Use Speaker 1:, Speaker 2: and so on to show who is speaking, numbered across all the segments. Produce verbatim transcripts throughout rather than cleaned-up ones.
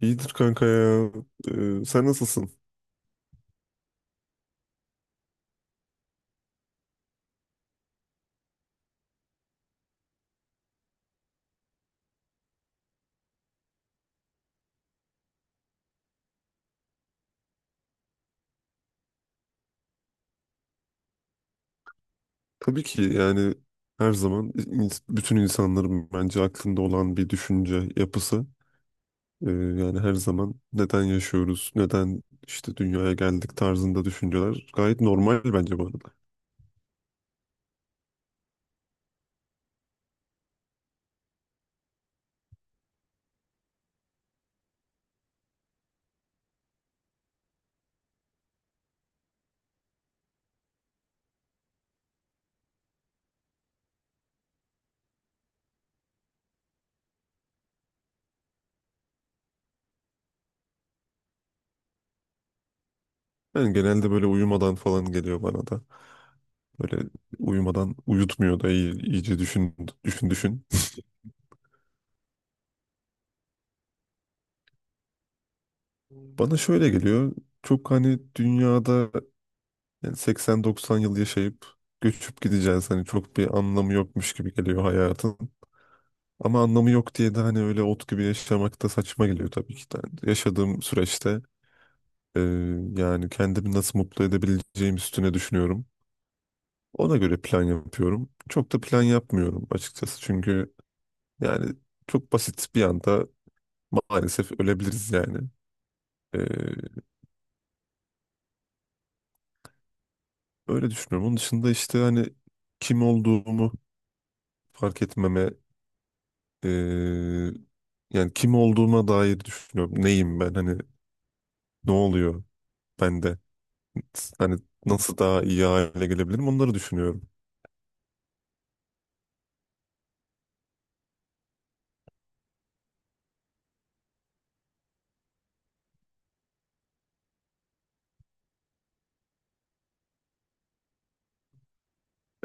Speaker 1: İyidir kanka ya. Ee, sen nasılsın? Tabii ki, yani her zaman in- bütün insanların bence aklında olan bir düşünce yapısı. Ee, yani her zaman neden yaşıyoruz, neden işte dünyaya geldik tarzında düşünceler gayet normal bence bu arada. Yani genelde böyle uyumadan falan geliyor bana da. Böyle uyumadan uyutmuyor da iyi, iyice düşün, düşün, düşün. Bana şöyle geliyor. Çok hani dünyada, yani seksen doksan yıl yaşayıp göçüp gideceğiz. Hani çok bir anlamı yokmuş gibi geliyor hayatın. Ama anlamı yok diye de hani öyle ot gibi yaşamak da saçma geliyor tabii ki de. Yani yaşadığım süreçte e, yani kendimi nasıl mutlu edebileceğim üstüne düşünüyorum. Ona göre plan yapıyorum. Çok da plan yapmıyorum açıkçası. Çünkü yani çok basit bir anda maalesef ölebiliriz yani. E, Öyle düşünüyorum. Onun dışında işte hani kim olduğumu fark etmeme. Eee, Yani kim olduğuma dair düşünüyorum. Neyim ben? Hani ne oluyor bende? Hani nasıl daha iyi hale gelebilirim? Onları düşünüyorum.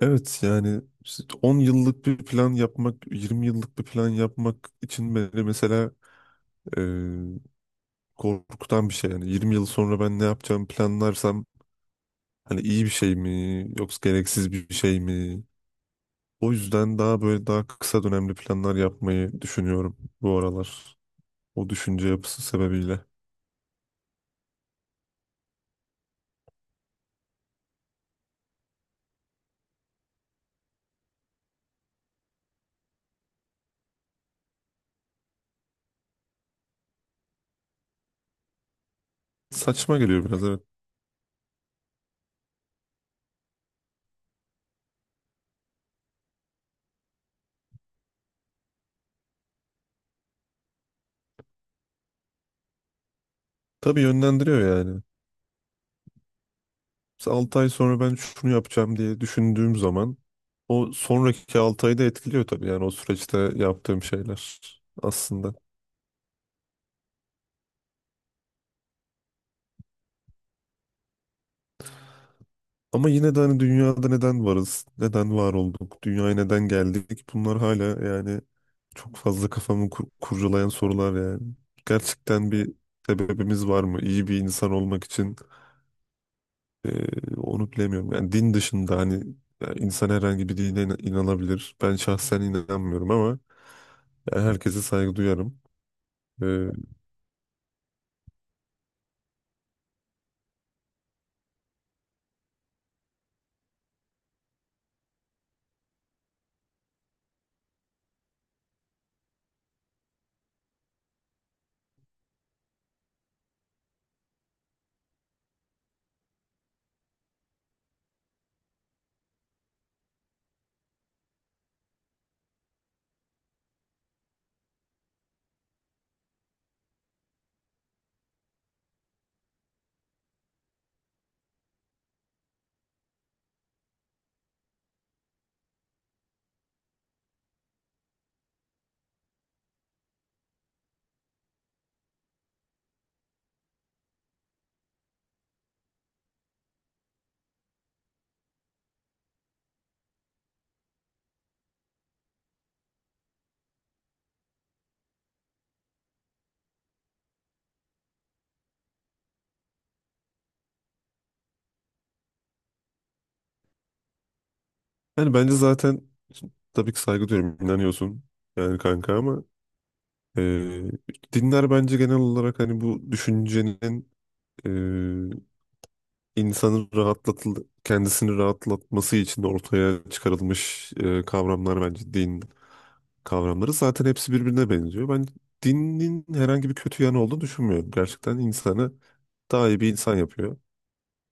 Speaker 1: Evet, yani işte on yıllık bir plan yapmak, yirmi yıllık bir plan yapmak için beni mesela eee, korkutan bir şey. Yani yirmi yıl sonra ben ne yapacağımı planlarsam hani iyi bir şey mi yoksa gereksiz bir şey mi? O yüzden daha böyle daha kısa dönemli planlar yapmayı düşünüyorum bu aralar. O düşünce yapısı sebebiyle. Saçma geliyor biraz, evet. Tabii yönlendiriyor yani. Mesela altı ay sonra ben şunu yapacağım diye düşündüğüm zaman o sonraki altı ayı da etkiliyor tabii, yani o süreçte yaptığım şeyler aslında. Ama yine de hani dünyada neden varız? Neden var olduk? Dünyaya neden geldik? Bunlar hala yani çok fazla kafamı kur- kurcalayan sorular yani. Gerçekten bir sebebimiz var mı? İyi bir insan olmak için. Ee, onu bilemiyorum. Yani din dışında hani yani insan herhangi bir dine inan- inanabilir. Ben şahsen inanmıyorum ama yani herkese saygı duyarım. Ee, Yani bence zaten tabii ki saygı duyuyorum. İnanıyorsun yani kanka ama Ee, dinler bence genel olarak hani bu düşüncenin, e, insanın rahatlatıl kendisini rahatlatması için ortaya çıkarılmış e, kavramlar, bence din kavramları. Zaten hepsi birbirine benziyor. Ben dinin herhangi bir kötü yanı olduğunu düşünmüyorum. Gerçekten insanı daha iyi bir insan yapıyor.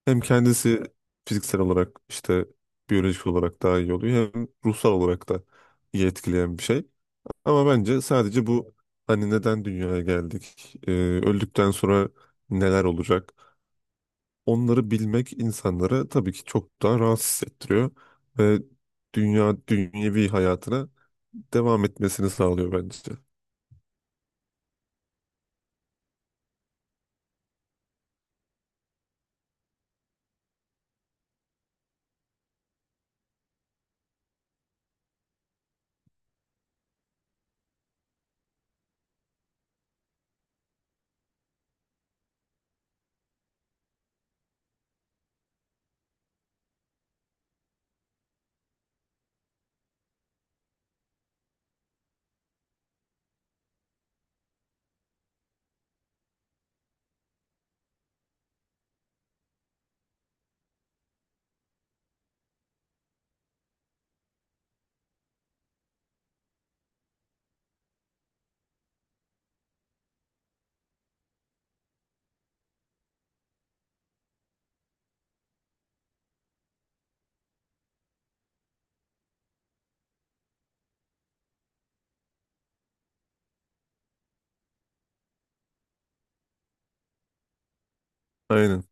Speaker 1: Hem kendisi fiziksel olarak işte biyolojik olarak daha iyi oluyor, hem ruhsal olarak da iyi etkileyen bir şey. Ama bence sadece bu hani neden dünyaya geldik, e, öldükten sonra neler olacak, onları bilmek insanları tabii ki çok daha rahatsız hissettiriyor ve dünya dünyevi hayatına devam etmesini sağlıyor bence. Aynen.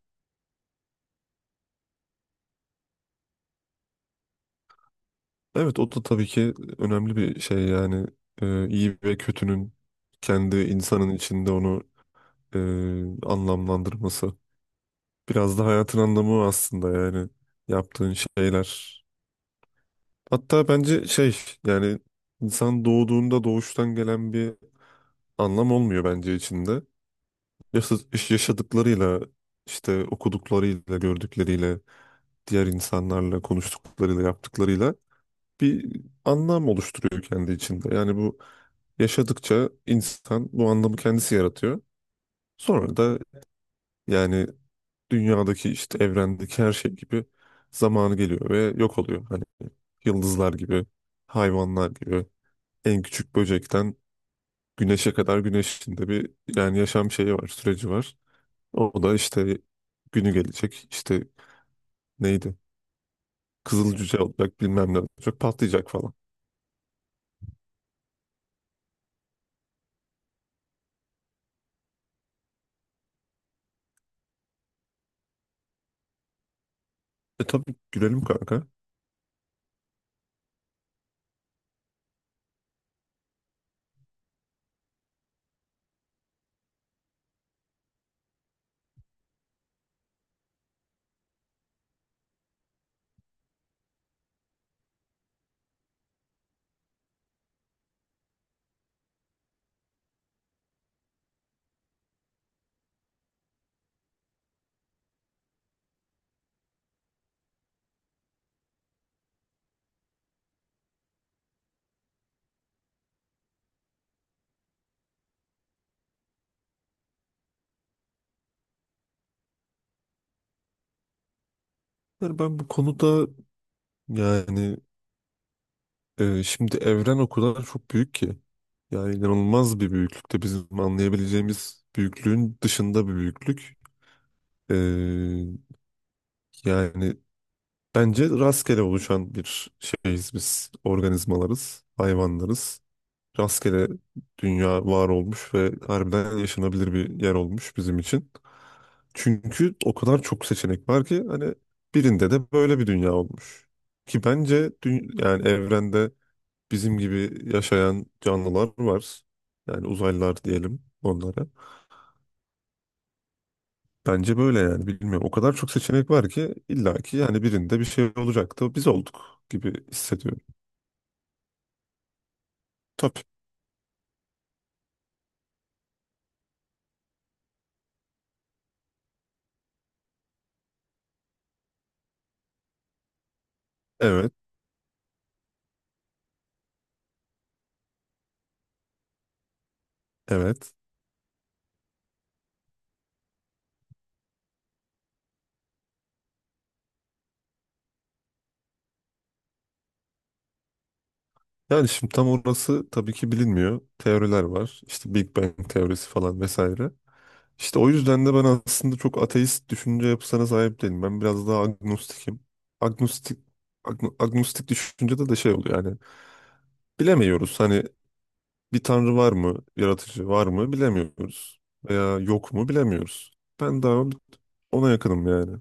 Speaker 1: Evet, o da tabii ki önemli bir şey yani. Ee, iyi ve kötünün kendi insanın içinde onu, e, anlamlandırması. Biraz da hayatın anlamı o aslında, yani yaptığın şeyler. Hatta bence şey, yani insan doğduğunda doğuştan gelen bir anlam olmuyor bence içinde. Yaşa- Yaşadıklarıyla işte okuduklarıyla gördükleriyle diğer insanlarla konuştuklarıyla yaptıklarıyla bir anlam oluşturuyor kendi içinde. Yani bu yaşadıkça insan bu anlamı kendisi yaratıyor. Sonra da yani dünyadaki işte evrendeki her şey gibi zamanı geliyor ve yok oluyor. Hani yıldızlar gibi, hayvanlar gibi, en küçük böcekten güneşe kadar güneşin de bir yani yaşam şeyi var, süreci var. O da işte günü gelecek, işte neydi? Kızıl cüce olacak, bilmem ne olacak, patlayacak falan. E tabii gülelim kanka. Yani ben bu konuda, yani e, şimdi evren o kadar çok büyük ki. Yani inanılmaz bir büyüklükte, bizim anlayabileceğimiz büyüklüğün dışında bir büyüklük. E, Yani bence rastgele oluşan bir şeyiz biz. Organizmalarız, hayvanlarız. Rastgele dünya var olmuş ve harbiden yaşanabilir bir yer olmuş bizim için. Çünkü o kadar çok seçenek var ki hani birinde de böyle bir dünya olmuş. Ki bence dü- yani evrende bizim gibi yaşayan canlılar var. Yani uzaylılar diyelim onlara. Bence böyle yani bilmiyorum. O kadar çok seçenek var ki illaki yani birinde bir şey olacaktı. Biz olduk gibi hissediyorum. Tabii. Evet. Evet. Yani şimdi tam orası tabii ki bilinmiyor. Teoriler var. İşte Big Bang teorisi falan vesaire. İşte o yüzden de ben aslında çok ateist düşünce yapısına sahip değilim. Ben biraz daha agnostikim. Agnostik agno- Agnostik düşüncede de şey oluyor yani bilemiyoruz, hani bir tanrı var mı, yaratıcı var mı bilemiyoruz. Veya yok mu bilemiyoruz. Ben daha ona yakınım yani.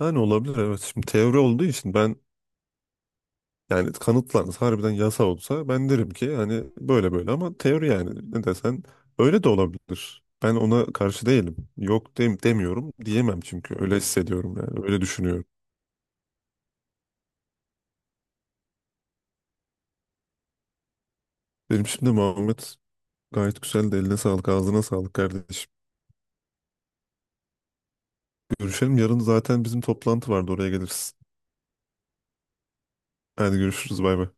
Speaker 1: Yani olabilir, evet. Şimdi teori olduğu için ben, yani kanıtlansa harbiden yasa olsa ben derim ki hani böyle böyle, ama teori yani ne desen öyle de olabilir. Ben ona karşı değilim. Yok dem demiyorum diyemem, çünkü öyle hissediyorum yani öyle düşünüyorum. Benim şimdi Muhammed gayet güzel de, eline sağlık ağzına sağlık kardeşim. Görüşelim, yarın zaten bizim toplantı vardı, oraya geliriz. Hadi görüşürüz, bay bay.